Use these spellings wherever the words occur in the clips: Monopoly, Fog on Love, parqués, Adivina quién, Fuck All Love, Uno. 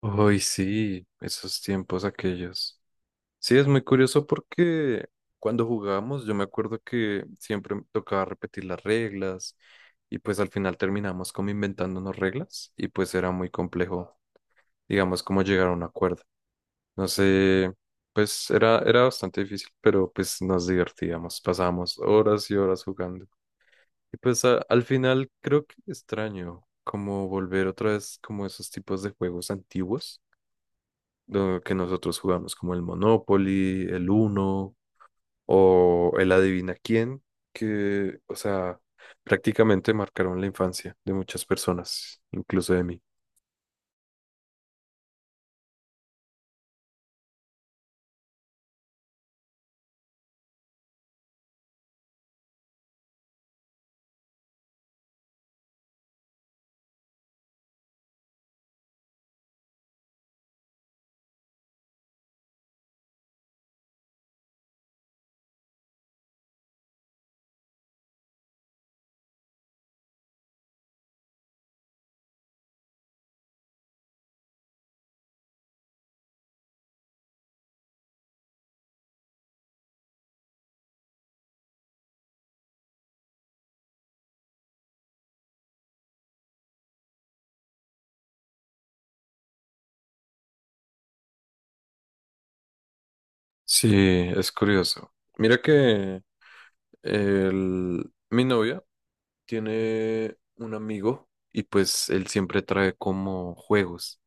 Hoy sí, esos tiempos aquellos. Sí, es muy curioso porque cuando jugábamos yo me acuerdo que siempre me tocaba repetir las reglas y pues al final terminamos como inventándonos reglas y pues era muy complejo, digamos, como llegar a un acuerdo. No sé, pues era bastante difícil, pero pues nos divertíamos, pasábamos horas y horas jugando. Y pues al final creo que extraño como volver otra vez como esos tipos de juegos antiguos lo que nosotros jugamos como el Monopoly, el Uno o el Adivina quién, que, o sea, prácticamente marcaron la infancia de muchas personas, incluso de mí. Sí, es curioso. Mira que mi novia tiene un amigo y pues él siempre trae como juegos.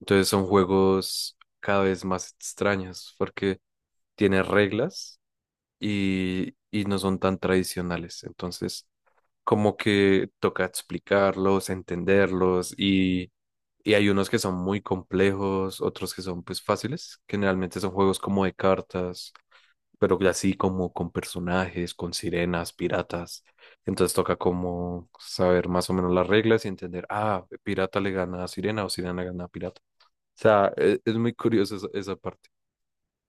Entonces son juegos cada vez más extraños porque tiene reglas y no son tan tradicionales. Entonces como que toca explicarlos, entenderlos y hay unos que son muy complejos, otros que son pues fáciles, que generalmente son juegos como de cartas, pero que así como con personajes, con sirenas, piratas. Entonces toca como saber más o menos las reglas y entender, ah, pirata le gana a sirena o sirena gana a pirata. O sea, es, muy curioso esa parte.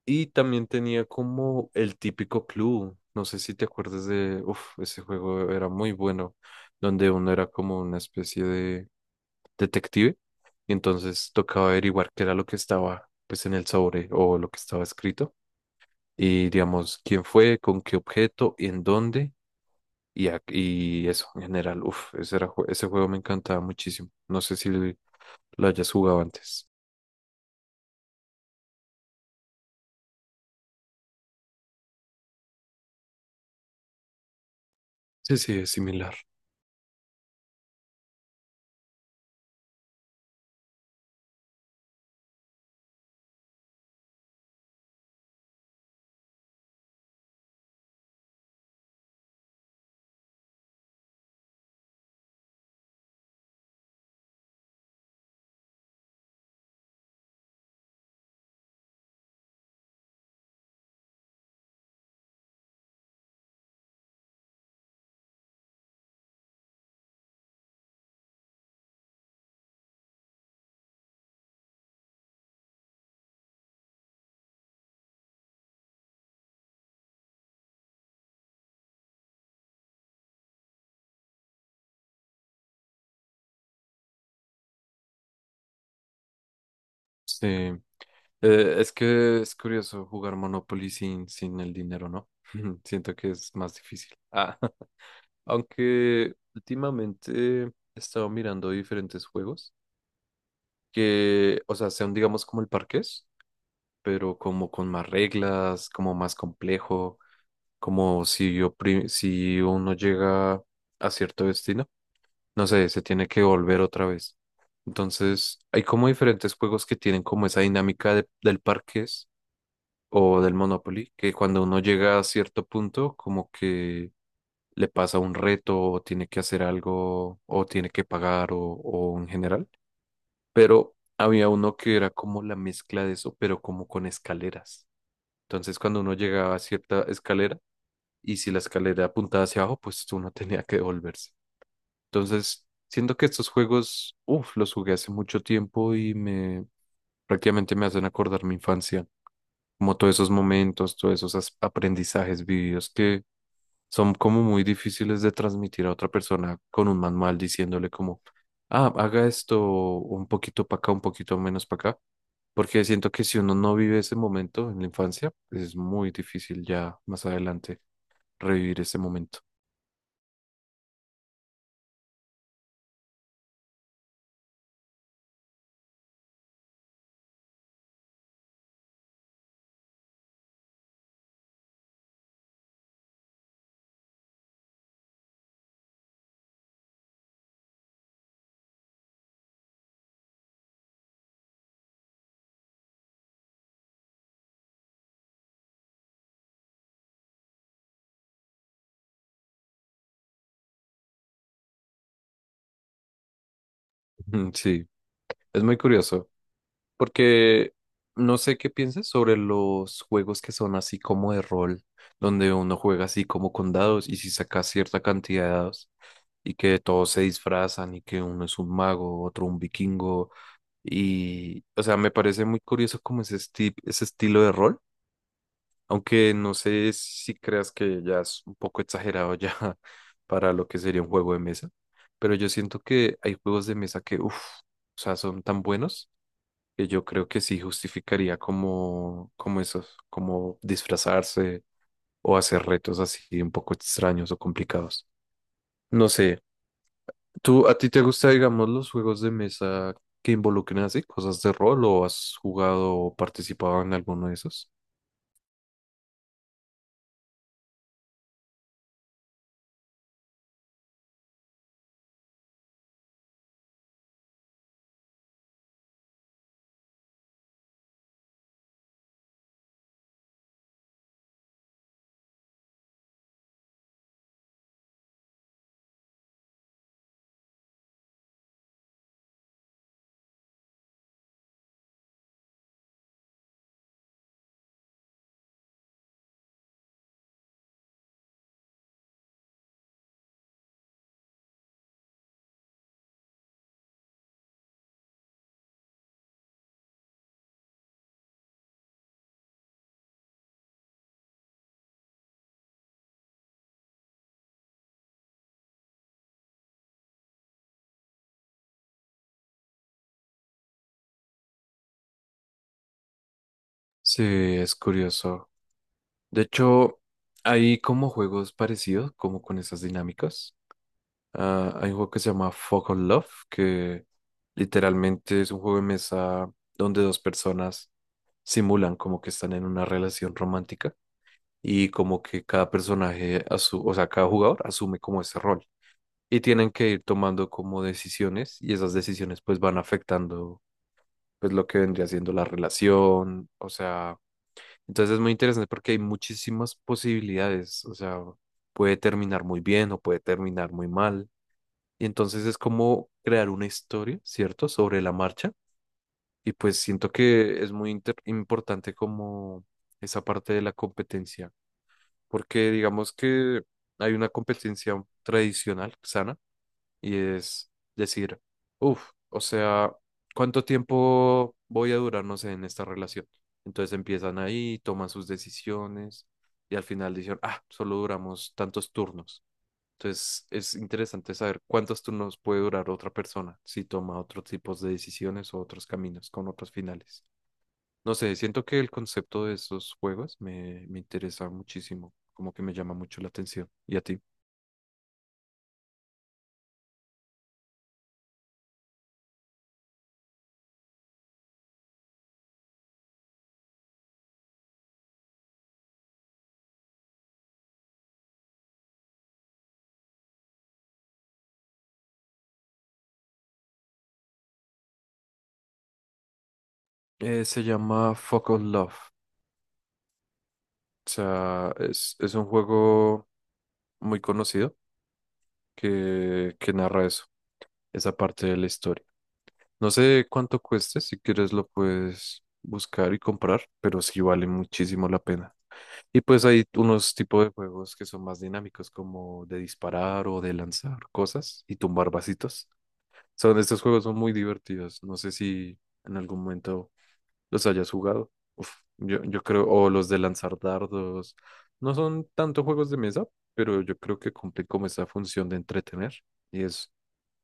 Y también tenía como el típico club, no sé si te acuerdas de, uff, ese juego era muy bueno, donde uno era como una especie de detective y entonces tocaba averiguar qué era lo que estaba pues en el sobre o lo que estaba escrito y digamos quién fue, con qué objeto, en dónde y, y eso en general, uff, ese juego me encantaba muchísimo, no sé si lo hayas jugado antes. Sí, sí, es similar. Sí. Es que es curioso jugar Monopoly sin, sin el dinero, ¿no? Siento que es más difícil. Ah, aunque últimamente he estado mirando diferentes juegos que, o sea, sean digamos como el parqués, pero como con más reglas, como más complejo, como si uno llega a cierto destino, no sé, se tiene que volver otra vez. Entonces, hay como diferentes juegos que tienen como esa dinámica del parqués o del Monopoly, que cuando uno llega a cierto punto, como que le pasa un reto o tiene que hacer algo o tiene que pagar o en general. Pero había uno que era como la mezcla de eso, pero como con escaleras. Entonces, cuando uno llegaba a cierta escalera y si la escalera apuntaba hacia abajo, pues uno tenía que devolverse. Entonces, siento que estos juegos, uff, los jugué hace mucho tiempo y me prácticamente me hacen acordar mi infancia. Como todos esos momentos, todos esos aprendizajes vividos que son como muy difíciles de transmitir a otra persona con un manual diciéndole como, ah, haga esto un poquito para acá, un poquito menos para acá, porque siento que si uno no vive ese momento en la infancia, pues es muy difícil ya más adelante revivir ese momento. Sí, es muy curioso. Porque no sé qué piensas sobre los juegos que son así como de rol, donde uno juega así como con dados y si saca cierta cantidad de dados y que todos se disfrazan y que uno es un mago, otro un vikingo y, o sea, me parece muy curioso como ese estilo de rol, aunque no sé si creas que ya es un poco exagerado ya para lo que sería un juego de mesa, pero yo siento que hay juegos de mesa que, uff, o sea, son tan buenos que yo creo que sí justificaría como, como esos, como disfrazarse o hacer retos así un poco extraños o complicados. No sé, ¿tú a ti te gusta, digamos, los juegos de mesa que involucren así cosas de rol o has jugado o participado en alguno de esos? Sí, es curioso. De hecho, hay como juegos parecidos, como con esas dinámicas. Ah, hay un juego que se llama Fog on Love, que literalmente es un juego de mesa donde dos personas simulan como que están en una relación romántica y como que cada personaje, o sea, cada jugador asume como ese rol y tienen que ir tomando como decisiones y esas decisiones pues van afectando pues lo que vendría siendo la relación, o sea, entonces es muy interesante porque hay muchísimas posibilidades, o sea, puede terminar muy bien o puede terminar muy mal y entonces es como crear una historia, ¿cierto? Sobre la marcha y pues siento que es muy importante como esa parte de la competencia, porque digamos que hay una competencia tradicional, sana, y es decir, uff, o sea, ¿cuánto tiempo voy a durar, no sé, en esta relación? Entonces empiezan ahí, toman sus decisiones y al final dicen, ah, solo duramos tantos turnos. Entonces es interesante saber cuántos turnos puede durar otra persona si toma otros tipos de decisiones o otros caminos con otros finales. No sé, siento que el concepto de esos juegos me interesa muchísimo, como que me llama mucho la atención. ¿Y a ti? Se llama Fuck All Love. O sea, es un juego muy conocido que narra eso, esa parte de la historia. No sé cuánto cueste, si quieres lo puedes buscar y comprar, pero sí vale muchísimo la pena. Y pues hay unos tipos de juegos que son más dinámicos, como de disparar o de lanzar cosas y tumbar vasitos. Son, estos juegos son muy divertidos. No sé si en algún momento los hayas jugado. Uf, yo creo, o los de lanzar dardos. No son tanto juegos de mesa, pero yo creo que cumplen como esa función de entretener. Y es,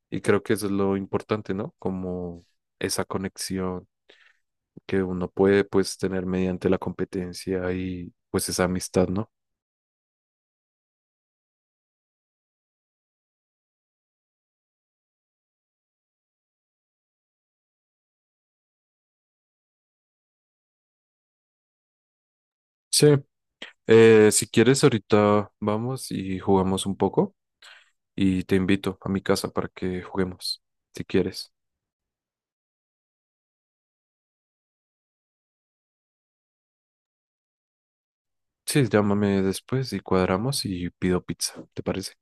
y creo que eso es lo importante, ¿no? Como esa conexión que uno puede pues tener mediante la competencia y pues esa amistad, ¿no? Sí. Si quieres, ahorita vamos y jugamos un poco y te invito a mi casa para que juguemos, si quieres. Sí, llámame después y cuadramos y pido pizza, ¿te parece?